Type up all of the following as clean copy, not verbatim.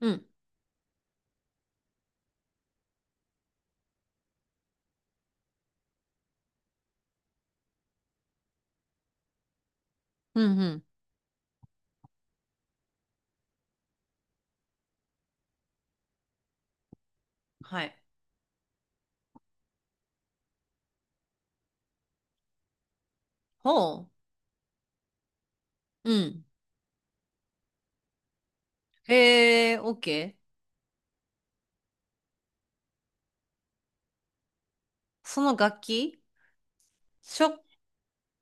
うん、うん。はい。ほうん。うん。へえ、オッケー。OK その楽器しょ、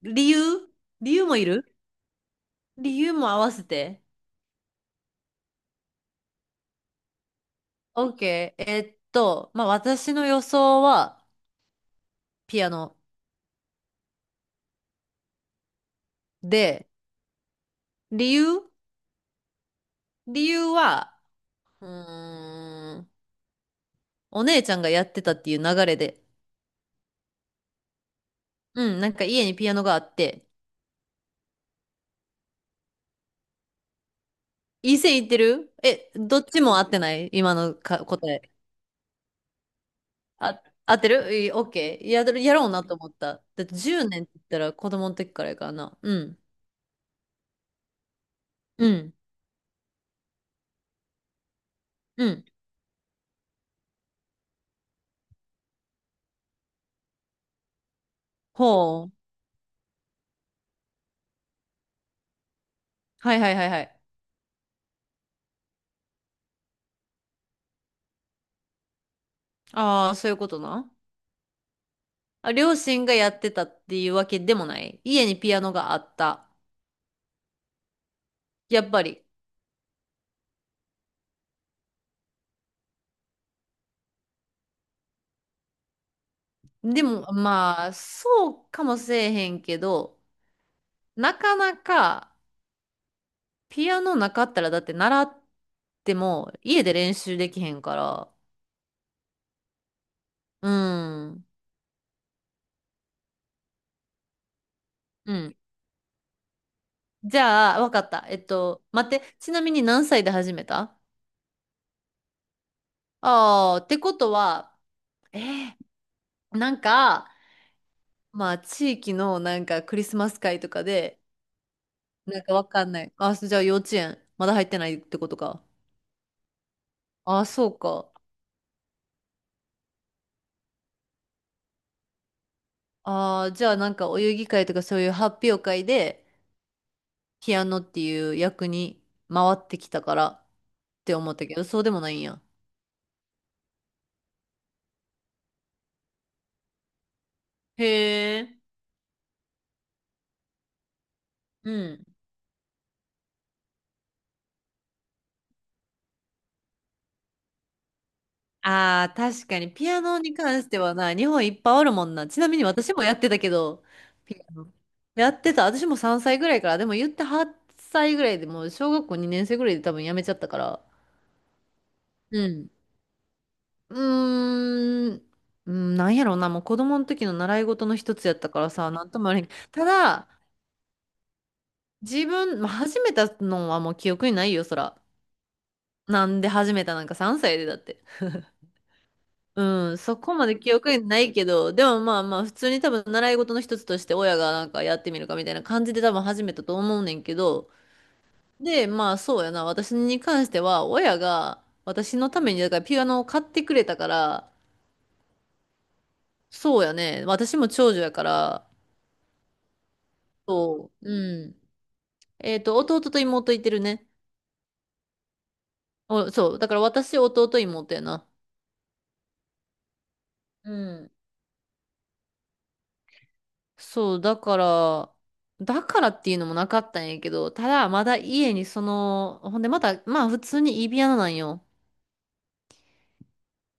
理由もいる理由も合わせて。オッケー。まあ、私の予想はピアノで、理由理由は、うーん、お姉ちゃんがやってたっていう流れで。うん、なんか家にピアノがあって。いい線いってるえ、どっちも合ってない今のか答え。あ、合ってるいい、オッケー。やる、やろうなと思った。だって10年って言ったら子供の時からやからな。うん。うん。うん。ほう。はいはいはいはい。ああ、そういうことな。あ、両親がやってたっていうわけでもない。家にピアノがあった。やっぱり。でも、まあ、そうかもせえへんけど、なかなか、ピアノなかったら、だって習っても、家で練習できへんから。うん。うん。じゃあ、わかった。待って。ちなみに何歳で始めた？ああー、ってことは、えー、まあ、地域のなんかクリスマス会とかで、なんかわかんない。あ、じゃあ幼稚園、まだ入ってないってことか。ああ、そうか。ああ、じゃあなんかお遊戯会とかそういう発表会で、ピアノっていう役に回ってきたからって思ったけど、そうでもないんや。へえ。うん。ああ、確かに、ピアノに関してはな、日本いっぱいあるもんな。ちなみに私もやってたけど、ピアノ。やってた。私も3歳ぐらいから、でも言って8歳ぐらいでもう小学校2年生ぐらいで多分やめちゃったから。うん。うーん。うん、なんやろうな、もう子供の時の習い事の一つやったからさ、なんともあれん。ただ、まあ、始めたのはもう記憶にないよ、そら。なんで始めたなんか3歳でだって。うん、そこまで記憶にないけど、でもまあまあ、普通に多分習い事の一つとして親がなんかやってみるかみたいな感じで多分始めたと思うねんけど、で、まあそうやな、私に関しては親が私のためにだからピアノを買ってくれたから、そうやね、私も長女やから、そう、うん。弟と妹いてるね。お、そう、だから私、弟、妹やな。うん、そう、だから、だからっていうのもなかったんやけど、ただまだ家にその、ほんでまた、まあ普通にイビアナなんよ。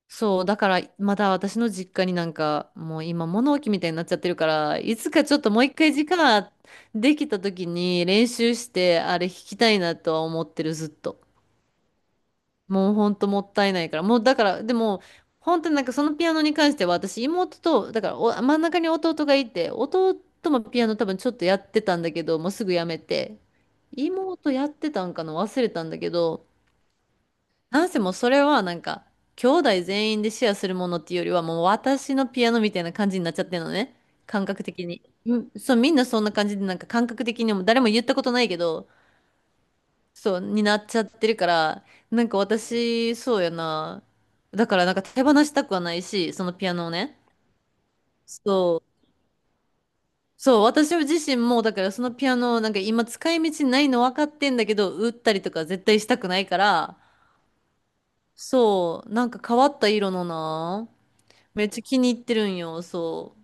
そう、だからまだ私の実家になんか、もう今物置みたいになっちゃってるから、いつかちょっともう一回時間できた時に練習して、あれ弾きたいなとは思ってる、ずっと。もうほんともったいないから。もうだから、でも、本当になんかそのピアノに関しては私妹と、だからお真ん中に弟がいて、弟もピアノ多分ちょっとやってたんだけど、もうすぐやめて。妹やってたんかな忘れたんだけど、なんせもうそれはなんか、兄弟全員でシェアするものっていうよりはもう私のピアノみたいな感じになっちゃってるのね。感覚的に。うん、そう、みんなそんな感じでなんか感覚的にも誰も言ったことないけど、そう、になっちゃってるから、なんか私、そうやな。だからなんか手放したくはないし、そのピアノをね。そう。そう、私自身も、だからそのピアノをなんか今使い道ないの分かってんだけど、売ったりとか絶対したくないから、そう、なんか変わった色のな。めっちゃ気に入ってるんよ、そ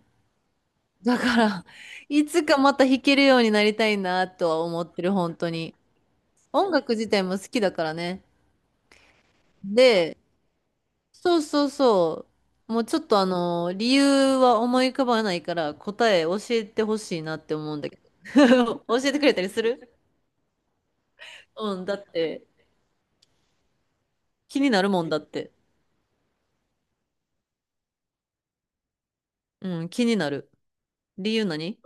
う。だから、いつかまた弾けるようになりたいなとは思ってる、本当に。音楽自体も好きだからね。で、そうそうそう。もうちょっと理由は思い浮かばないから答え教えてほしいなって思うんだけど。教えてくれたりする？うん、だって気になるもんだって。うん、気になる。理由何？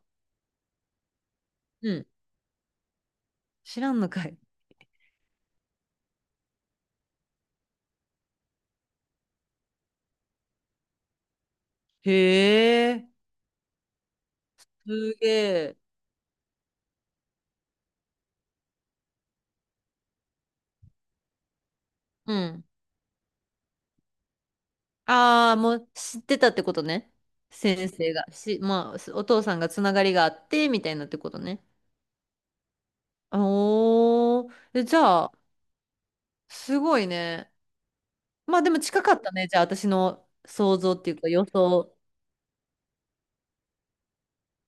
うん。知らんのかい。へえ、すげえ。うん。ああ、もう知ってたってことね。先生が。まあ、お父さんがつながりがあって、みたいなってことね。おー。えじゃあ、すごいね。まあでも近かったね。じゃあ私の想像っていうか予想。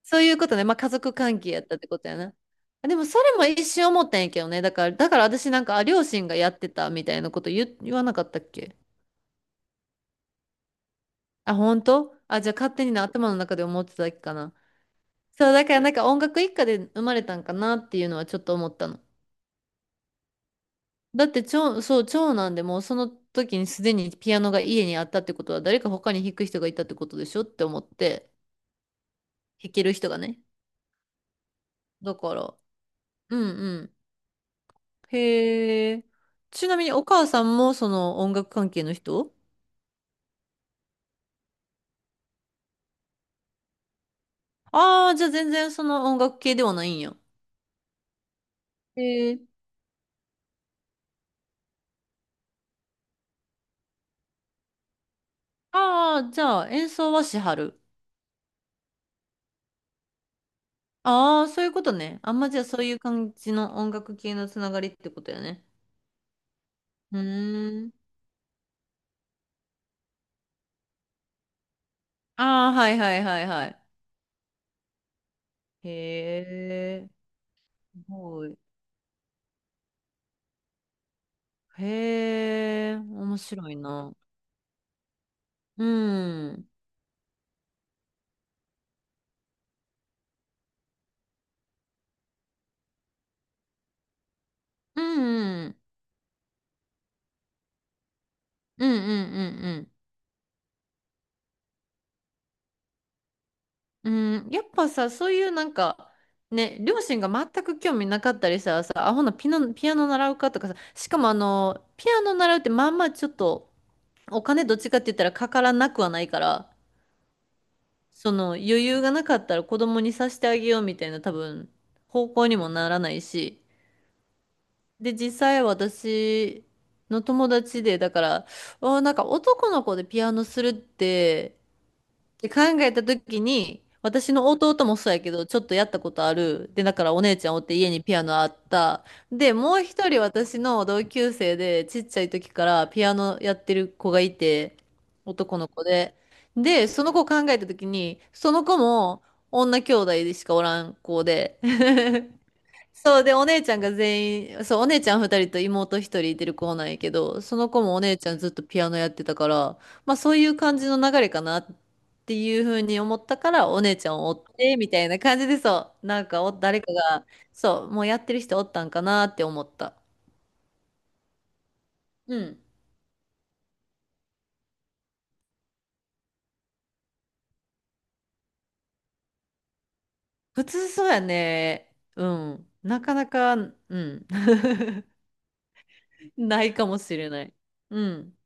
そういうことね。まあ家族関係やったってことやな。あでもそれも一瞬思ったんやけどね。だから、だから私なんか、あ、両親がやってたみたいなこと言わなかったっけ？あ、本当あ、じゃあ勝手にな頭の中で思ってただけかな。そう、だからなんか音楽一家で生まれたんかなっていうのはちょっと思ったの。だってそう、長男でもうその時にすでにピアノが家にあったってことは誰か他に弾く人がいたってことでしょって思って、弾ける人がね。だから、うんうん。へえ。ちなみにお母さんもその音楽関係の人？ああー、じゃあ全然その音楽系ではないんや。へえ。ああ、じゃあ演奏はしはる。ああ、そういうことね。あんまじゃあそういう感じの音楽系のつながりってことやね。うーん。ああ、はいはいはいはい。へえ。すごい。へえ。面白いな。うん。うんうん。うんうんうんうん。うん、やっぱさ、そういうね、両親が全く興味なかったりしたらさ、アホなピアノ習うかとかさ、しかもピアノ習うってまあまあちょっと、お金どっちかって言ったらかからなくはないから、その余裕がなかったら子供にさせてあげようみたいな多分、方向にもならないし、で、実際私の友達で、だから、あーなんか男の子でピアノするって、で考えた時に私の弟もそうやけどちょっとやったことあるでだからお姉ちゃんおって家にピアノあったでもう一人私の同級生でちっちゃい時からピアノやってる子がいて男の子ででその子を考えた時にその子も女兄弟でしかおらん子で そうで、お姉ちゃんが全員、そう、お姉ちゃん二人と妹一人いてる子なんやけど、その子もお姉ちゃんずっとピアノやってたから、まあそういう感じの流れかなっていうふうに思ったから、お姉ちゃんを追って、みたいな感じでそう、なんかお、誰かが、そう、もうやってる人おったんかなって思った。うん。普通そうやね。うん。なかなか、うん。ないかもしれない。うん。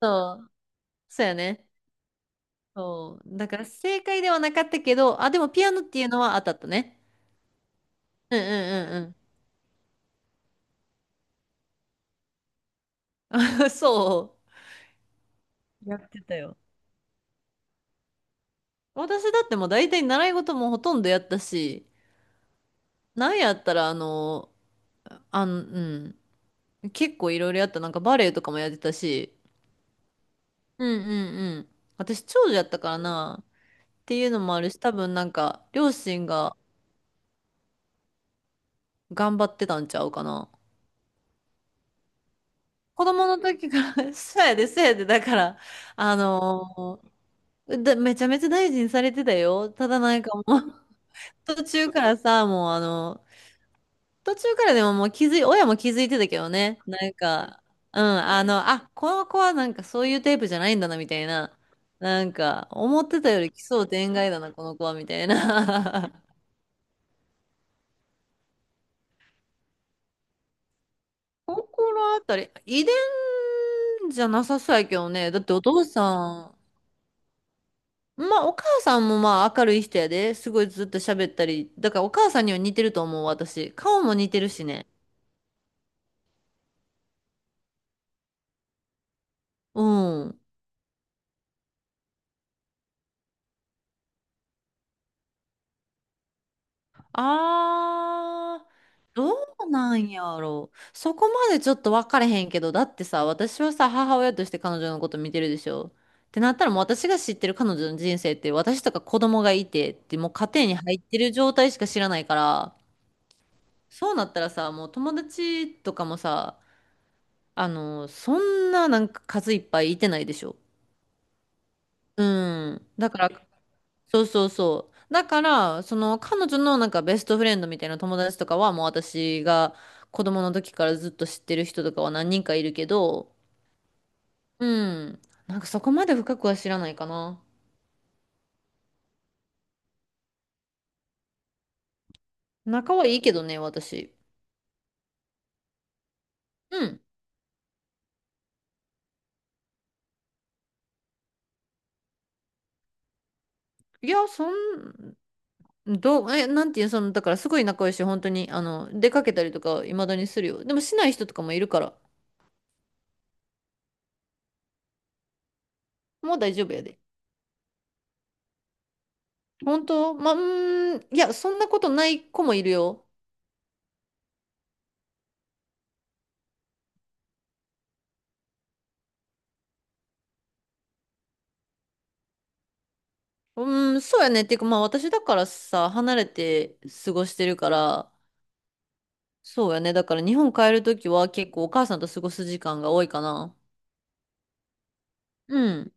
そう。そうやね。そう。だから正解ではなかったけど、あ、でもピアノっていうのは当たったね。うんうんうんうん。そう。やってたよ。私だってもう大体習い事もほとんどやったし、なんやったらうん。結構いろいろやった。なんかバレエとかもやってたし。うんうんうん。私長女やったからな。っていうのもあるし、多分なんか両親が頑張ってたんちゃうかな。子供の時から そうやで、そうやで、だから、あのーだ、めちゃめちゃ大事にされてたよ。ただなんかもう 途中からさ、もう途中からでももう気づい、親も気づいてたけどね。なんか、うん、あの、あ、この子はなんかそういうタイプじゃないんだな、みたいな。なんか、思ってたより奇想天外だな、この子は、みたいな。心当たり、遺伝じゃなさそうやけどね。だってお父さん、まあお母さんもまあ明るい人やで。すごいずっと喋ったり。だからお母さんには似てると思う、私。顔も似てるしね。うん。あー、どうなんやろ、そこまでちょっと分かれへんけど、だってさ、私はさ、母親として彼女のこと見てるでしょ。ってなったらもう私が知ってる彼女の人生って、私とか子供がいてって、もう家庭に入ってる状態しか知らないから、そうなったらさ、もう友達とかもさ、そんななんか数いっぱいいてないでしょ。うん。だからそうそうそう。だから、その彼女のなんかベストフレンドみたいな友達とかはもう私が子供の時からずっと知ってる人とかは何人かいるけど、うん。なんかそこまで深くは知らないかな。仲はいいけどね、私。うん。いや、そん、どう、え、なんていう、その、だからすごい仲良いし、本当に、あの、出かけたりとか、未だにするよ。でもしない人とかもいるから、もう大丈夫やで。本当、まあ、うーん、いや、そんなことない子もいるよ。うん、そうやね。っていうか、まあ私だからさ、離れて過ごしてるから、そうやね。だから日本帰るときは結構お母さんと過ごす時間が多いかな。うん。